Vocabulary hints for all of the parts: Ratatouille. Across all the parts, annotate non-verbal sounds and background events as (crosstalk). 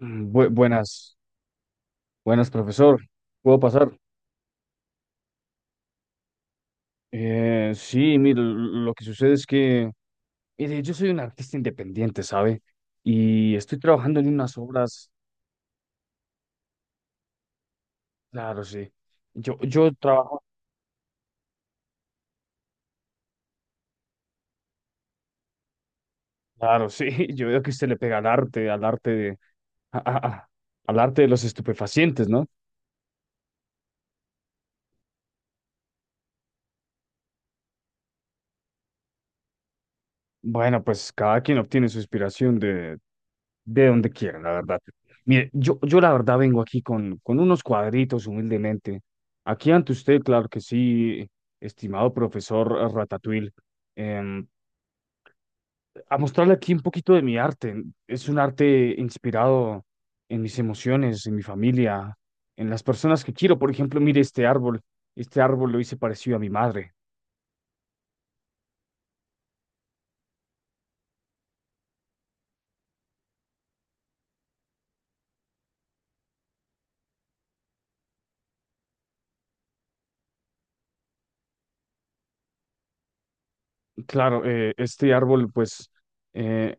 Buenas, buenas, profesor. ¿Puedo pasar? Sí, mire, lo que sucede es que, mire, yo soy un artista independiente, ¿sabe? Y estoy trabajando en unas obras, claro, sí. Yo trabajo, claro, sí. (laughs) Yo veo que usted le pega al arte de, a- a- a- al arte de los estupefacientes, ¿no? Bueno, pues cada quien obtiene su inspiración de donde quiera, la verdad. Mire, yo la verdad vengo aquí con unos cuadritos humildemente. Aquí ante usted, claro que sí, estimado profesor Ratatouille, em, a mostrarle aquí un poquito de mi arte. Es un arte inspirado en mis emociones, en mi familia, en las personas que quiero. Por ejemplo, mire este árbol. Este árbol lo hice parecido a mi madre. Claro, este árbol, pues... eh,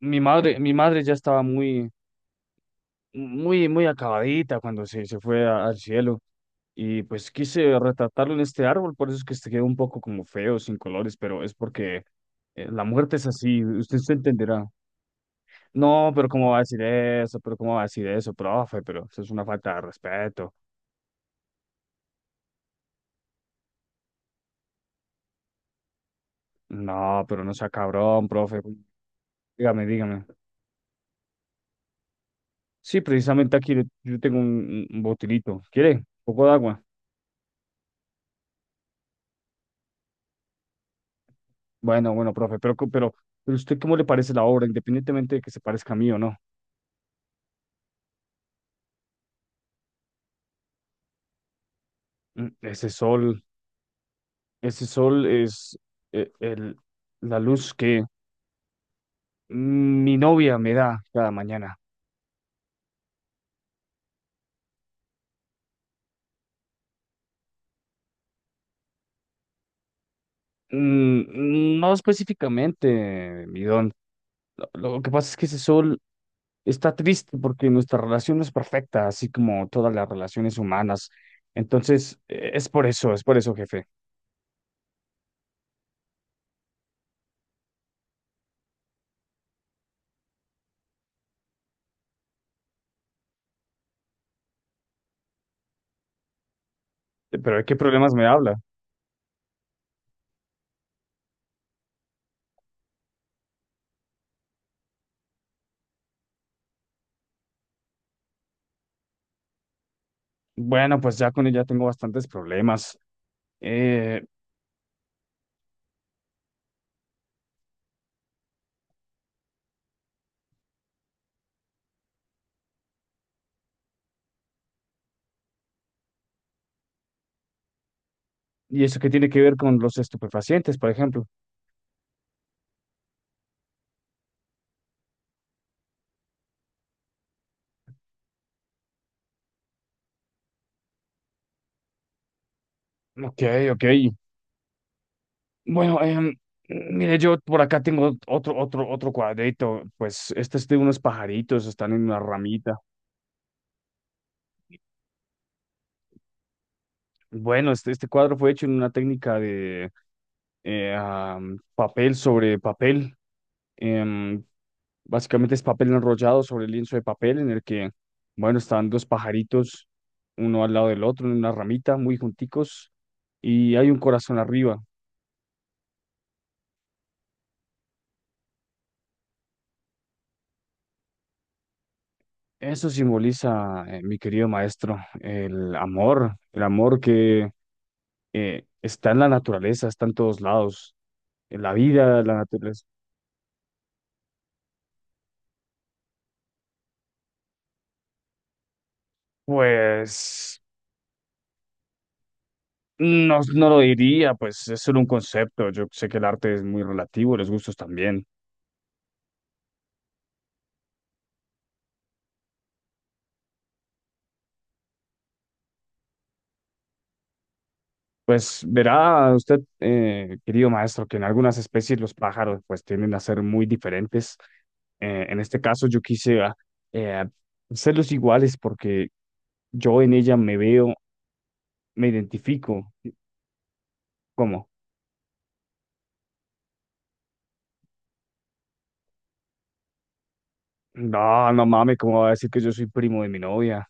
mi madre ya estaba muy acabadita cuando se fue al cielo. Y pues quise retratarlo en este árbol, por eso es que se quedó un poco como feo, sin colores, pero es porque la muerte es así, usted se entenderá. No, pero ¿cómo va a decir eso? ¿Pero cómo va a decir eso, profe? Pero eso es una falta de respeto. No, pero no sea cabrón, profe. Dígame, dígame. Sí, precisamente aquí yo tengo un, un botilito. ¿Quiere? Un poco de agua. Bueno, bueno, profe, pero, pero ¿usted cómo le parece la obra, independientemente de que se parezca a mí o no? Mm, Ese sol, ese sol es el, la luz que mi novia me da cada mañana. No específicamente, mi don. Lo que pasa es que ese sol está triste porque nuestra relación no es perfecta, así como todas las relaciones humanas. Entonces, es por eso, jefe. Pero ¿de qué problemas me habla? Bueno, pues ya con ella tengo bastantes problemas. Eh, ¿Y eso qué tiene que ver con los estupefacientes, por ejemplo? Ok, ok. Bueno, mire, yo por acá tengo otro, otro, otro cuadrito. Pues este es de unos pajaritos, están en una ramita. Bueno, este cuadro fue hecho en una técnica de papel sobre papel. Em, Básicamente es papel enrollado sobre lienzo de papel en el que, bueno, están dos pajaritos, uno al lado del otro, en una ramita, muy junticos, y hay un corazón arriba. Eso simboliza, mi querido maestro, el amor que está en la naturaleza, está en todos lados, en la vida, la naturaleza. Pues no, no lo diría, pues es solo un concepto. Yo sé que el arte es muy relativo, los gustos también. Pues verá usted, querido maestro, que en algunas especies los pájaros pues tienden a ser muy diferentes. En este caso yo quise eh, hacerlos iguales porque yo en ella me veo me identifico. ¿Cómo? No, no mames, ¿cómo va a decir que yo soy primo de mi novia?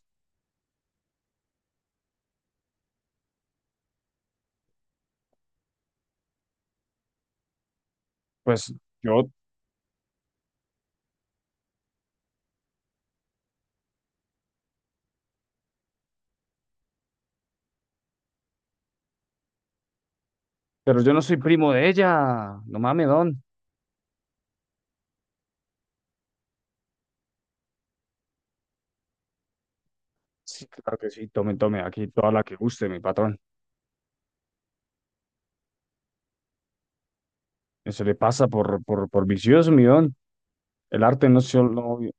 Pues yo, pero yo no soy primo de ella. No mames, don. Sí, claro que sí, tome, tome, aquí toda la que guste, mi patrón. Eso le pasa por vicioso, mi don. El arte no es solo...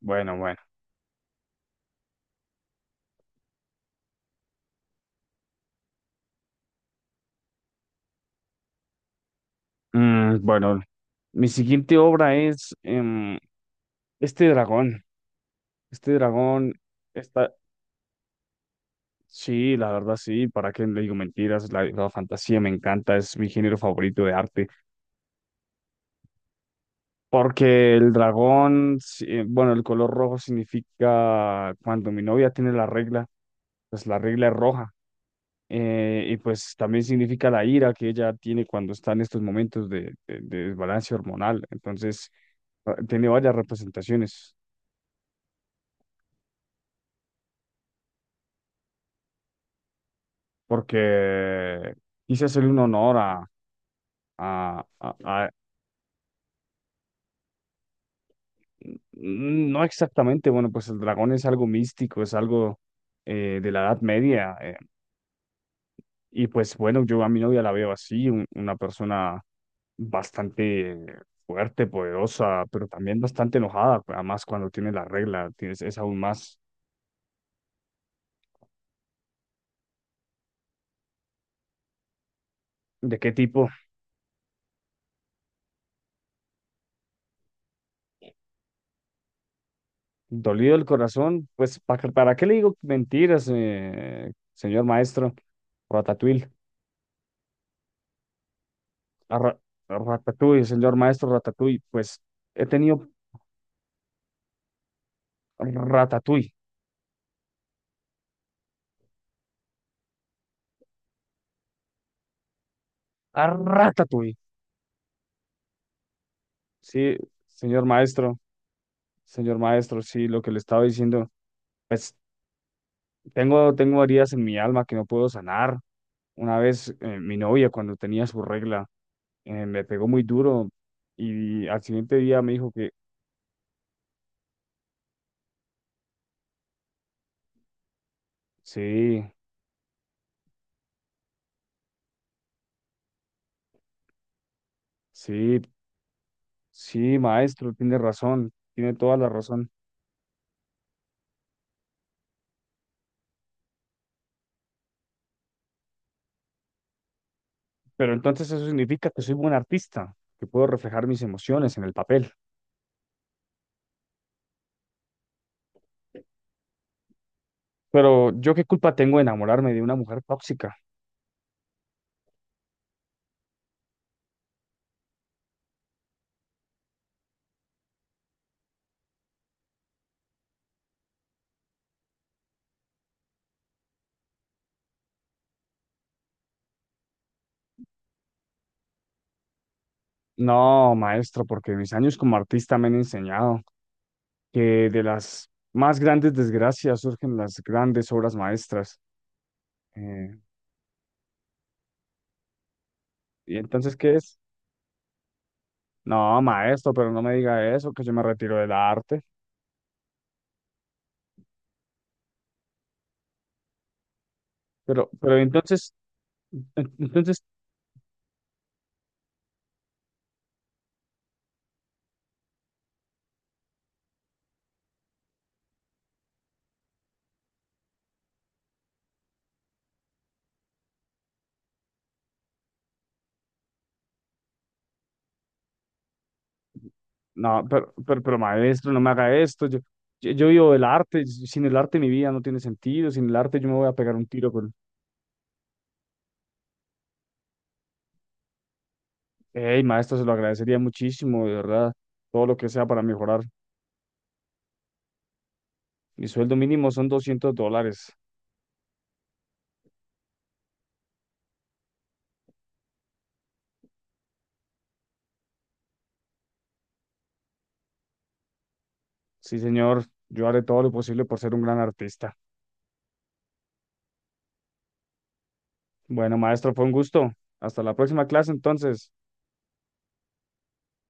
Bueno, bueno. Bueno, mi siguiente obra es este dragón. Este dragón está... Sí, la verdad sí, para qué le digo mentiras, la fantasía me encanta, es mi género favorito de arte. Porque el dragón, sí, bueno, el color rojo significa cuando mi novia tiene la regla, pues la regla es roja. Y pues también significa la ira que ella tiene cuando está en estos momentos de desbalance hormonal. Entonces, tiene varias representaciones, porque quise hacerle un honor a, no exactamente, bueno, pues el dragón es algo místico, es algo de la Edad Media. Y pues bueno, yo a mi novia la veo así, una persona bastante fuerte, poderosa, pero también bastante enojada, además cuando tiene la regla, tienes, es aún más. ¿De qué tipo? Dolido el corazón, pues para qué le digo mentiras, señor maestro? Ratatouille, a ra- Ratatouille, señor maestro Ratatouille, pues he tenido Ratatouille, a Ratatouille. Sí, señor maestro, señor maestro, sí, lo que le estaba diciendo. Pues, tengo heridas en mi alma que no puedo sanar. Una vez mi novia, cuando tenía su regla, me pegó muy duro y al siguiente día me dijo que sí, sí, sí, maestro, tiene razón, tiene toda la razón. Pero entonces eso significa que soy buen artista, que puedo reflejar mis emociones en el papel. Pero yo qué culpa tengo de enamorarme de una mujer tóxica. No, maestro, porque mis años como artista me han enseñado que de las más grandes desgracias surgen las grandes obras maestras. Eh, ¿Y entonces qué es? No, maestro, pero no me diga eso, que yo me retiro del arte. Pero, pero entonces, Entonces, no, pero maestro, no me haga esto. Yo vivo del arte. Sin el arte mi vida no tiene sentido. Sin el arte yo me voy a pegar un tiro con... Hey, maestro, se lo agradecería muchísimo, de verdad. Todo lo que sea para mejorar. Mi sueldo mínimo son $200. Sí, señor. Yo haré todo lo posible por ser un gran artista. Bueno, maestro, fue un gusto. Hasta la próxima clase, entonces.